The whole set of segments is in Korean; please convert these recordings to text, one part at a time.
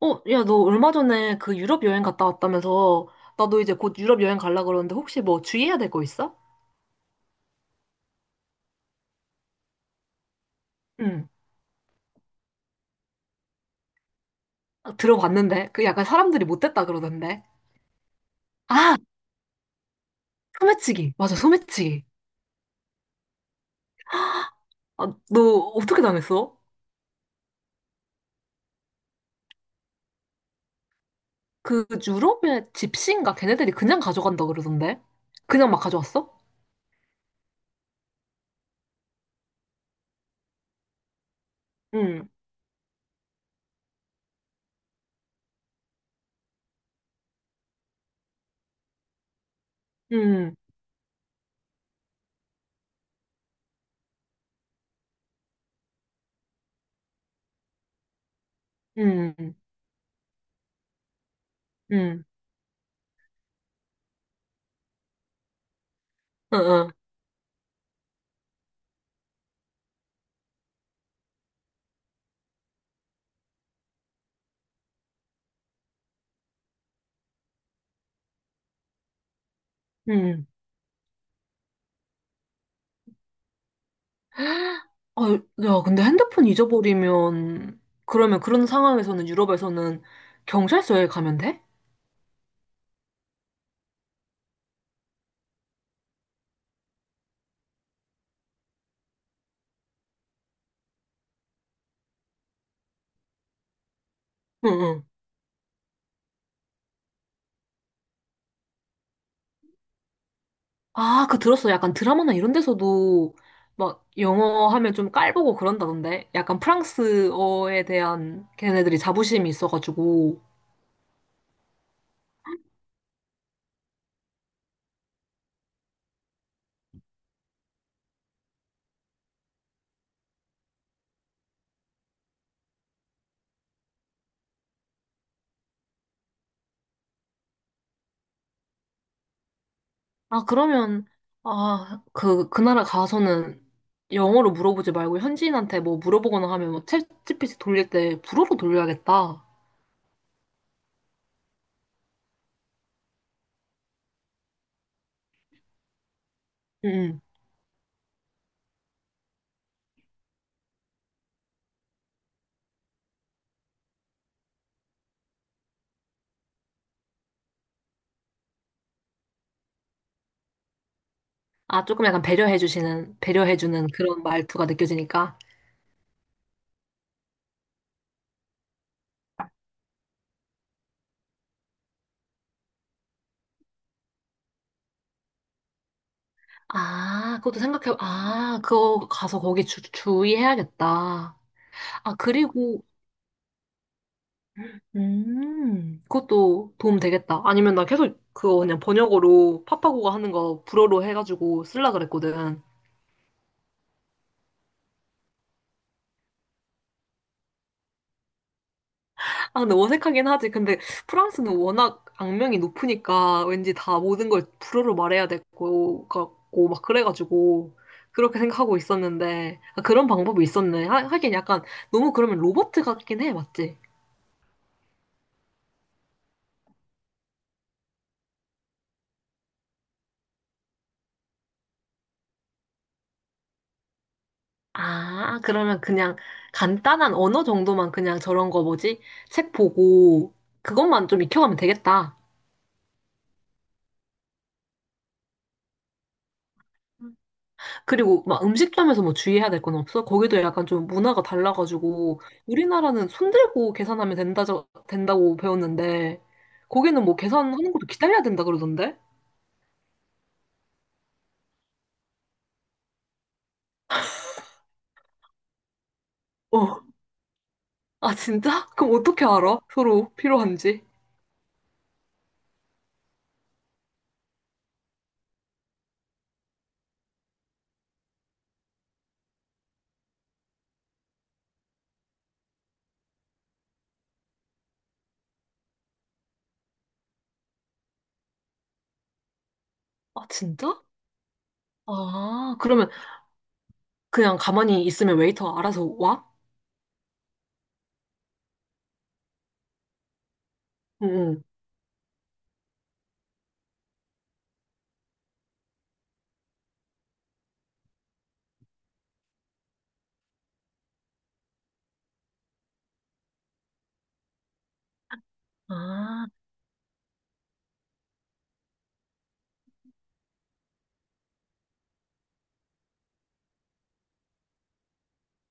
너 얼마 전에 그 유럽 여행 갔다 왔다면서 나도 이제 곧 유럽 여행 갈라 그러는데 혹시 뭐 주의해야 될 거 있어? 응. 아, 들어봤는데 그 약간 사람들이 못됐다 그러던데. 아, 소매치기. 맞아, 소매치기. 아, 너 어떻게 당했어? 그 유럽의 집시인가 걔네들이 그냥 가져간다 그러던데. 그냥 막 가져왔어? 응, 응, 응, 응, 응, 응. 응. 아, 야, 근데 핸드폰 잊어버리면 그러면 그런 상황에서는 유럽에서는 경찰서에 가면 돼? 응응. 아, 그 들었어. 약간 드라마나 이런 데서도 막 영어 하면 좀 깔보고 그런다던데. 약간 프랑스어에 대한 걔네들이 자부심이 있어가지고. 아, 그러면, 아, 그 나라 가서는 영어로 물어보지 말고 현지인한테 뭐 물어보거나 하면 뭐 챗지피 t 돌릴 때 불어로 돌려야겠다. 응. 응. 아, 조금 약간 배려해주는 그런 말투가 느껴지니까. 아, 그것도 생각해. 아, 그거 가서 거기 주의해야겠다. 아, 그리고, 그것도 도움 되겠다. 아니면 나 계속 그거 그냥 번역어로 파파고가 하는 거 불어로 해가지고 쓸라 그랬거든. 아, 근데 어색하긴 하지. 근데 프랑스는 워낙 악명이 높으니까 왠지 다 모든 걸 불어로 말해야 될 거 같고, 막 그래가지고. 그렇게 생각하고 있었는데, 아, 그런 방법이 있었네. 하, 하긴 약간 너무 그러면 로버트 같긴 해, 맞지? 아, 그러면 그냥 간단한 언어 정도만 그냥 저런 거 뭐지? 책 보고 그것만 좀 익혀가면 되겠다. 음. 그리고 막 음식점에서 뭐 주의해야 될 건 없어? 거기도 약간 좀 문화가 달라가지고 우리나라는 손 들고 계산하면 된다고 배웠는데 거기는 뭐 계산하는 것도 기다려야 된다 그러던데? 어. 아, 진짜? 그럼 어떻게 알아? 서로 필요한지? 아, 진짜? 아, 그러면 그냥 가만히 있으면 웨이터가 알아서 와? 응. 응. 아.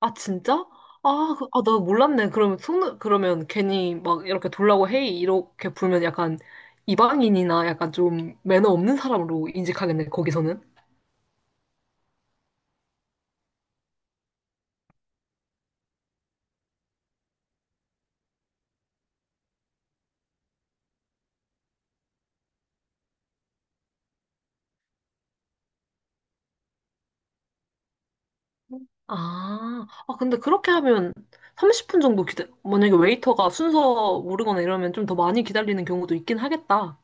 아, 진짜? 아, 아, 나 몰랐네. 그러면 속 그러면 괜히 막 이렇게 돌라고 헤이 이렇게 불면 약간 이방인이나 약간 좀 매너 없는 사람으로 인식하겠네, 거기서는. 아, 아, 근데 그렇게 하면 30분 정도 만약에 웨이터가 순서 모르거나 이러면 좀 더 많이 기다리는 경우도 있긴 하겠다.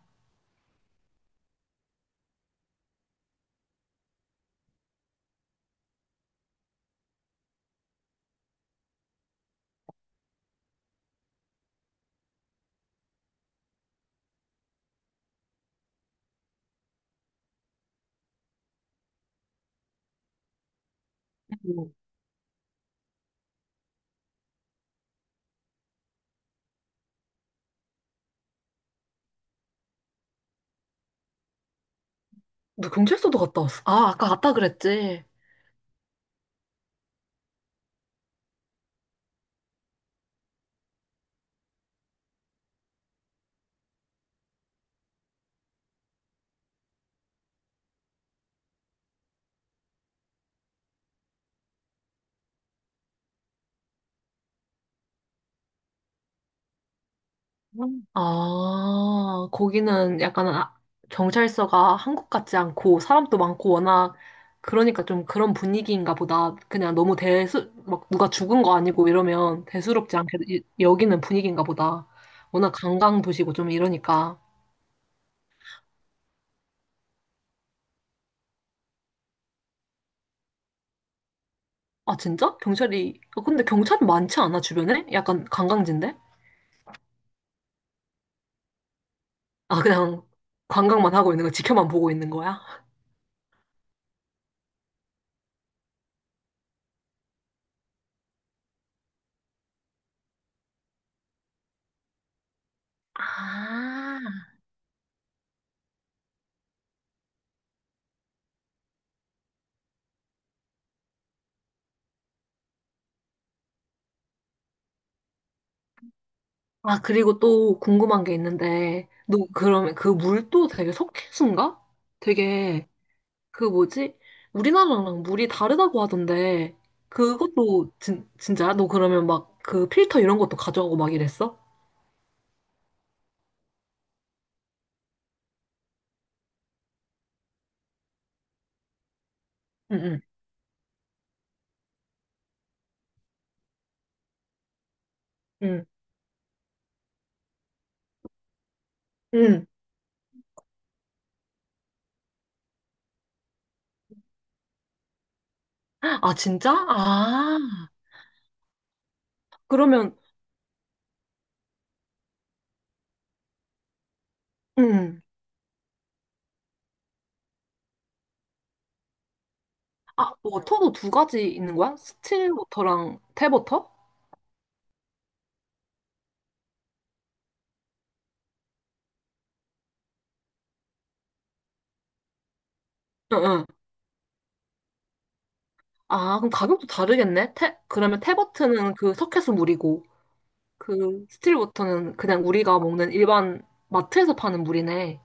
음. 너 경찰서도 갔다 왔어. 아, 아까 갔다 그랬지. 아, 거기는 약간 경찰서가 한국 같지 않고 사람도 많고 워낙 그러니까 좀 그런 분위기인가 보다. 그냥 너무 막 누가 죽은 거 아니고 이러면 대수롭지 않게 여기는 분위기인가 보다. 워낙 관광 도시고 좀 이러니까. 아, 진짜? 경찰이, 어, 근데 경찰 많지 않아, 주변에? 약간 관광지인데? 아, 그냥 관광만 하고 있는 거, 지켜만 보고 있는 거야? 아 아, 그리고 또 궁금한 게 있는데, 너 그러면 그 물도 되게 석회수인가? 되게, 그 뭐지? 우리나라랑 물이 다르다고 하던데, 그것도 진짜야? 너 그러면 막 그 필터 이런 것도 가져가고 막 이랬어? 응, 응, 응, 응. 아, 진짜? 아, 그러면, 응. 아, 워터도 두 가지 있는 거야? 스틸 워터랑 탭 워터? 응, 응. 아, 그럼 가격도 다르겠네? 그러면 탭 워터는 그 석회수 물이고, 그 스틸 워터는 그냥 우리가 먹는 일반 마트에서 파는 물이네.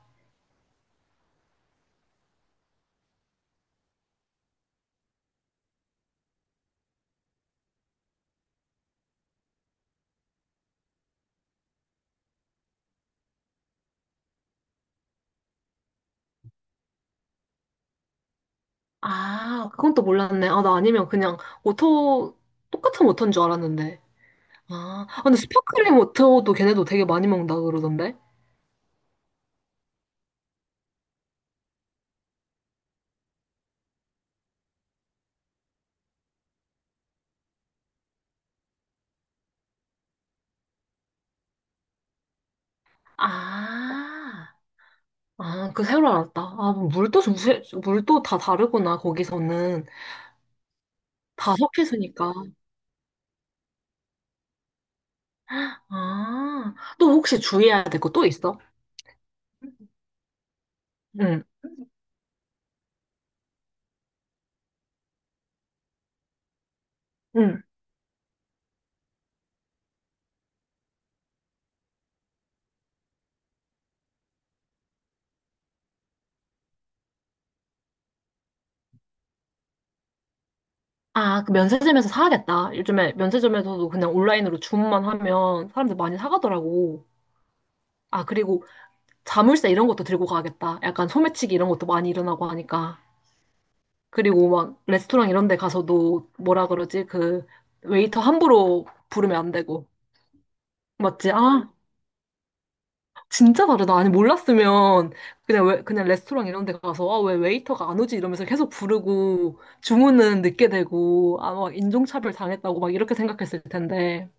아, 그건 또 몰랐네. 아, 나 아니면 그냥 워터 똑같은 워터인 줄 알았는데. 아, 아, 근데 스파클링 워터도 걔네도 되게 많이 먹는다 그러던데. 아, 아, 그 새로 알았다. 아, 뭐 물도 좀 물도 다 다르구나. 거기서는 다 섞여서니까. 아, 또 혹시 주의해야 될 거 또 있어? 응, 응. 아, 그 면세점에서 사야겠다. 요즘에 면세점에서도 그냥 온라인으로 주문만 하면 사람들 많이 사가더라고. 아, 그리고 자물쇠 이런 것도 들고 가야겠다. 약간 소매치기 이런 것도 많이 일어나고 하니까. 그리고 막 레스토랑 이런 데 가서도 뭐라 그러지? 그 웨이터 함부로 부르면 안 되고. 맞지? 아, 진짜 다르다. 아니, 몰랐으면 그냥 왜, 그냥 레스토랑 이런 데 가서 아, 왜 웨이터가 안 오지? 이러면서 계속 부르고 주문은 늦게 되고 아, 막 인종차별 당했다고 막 이렇게 생각했을 텐데.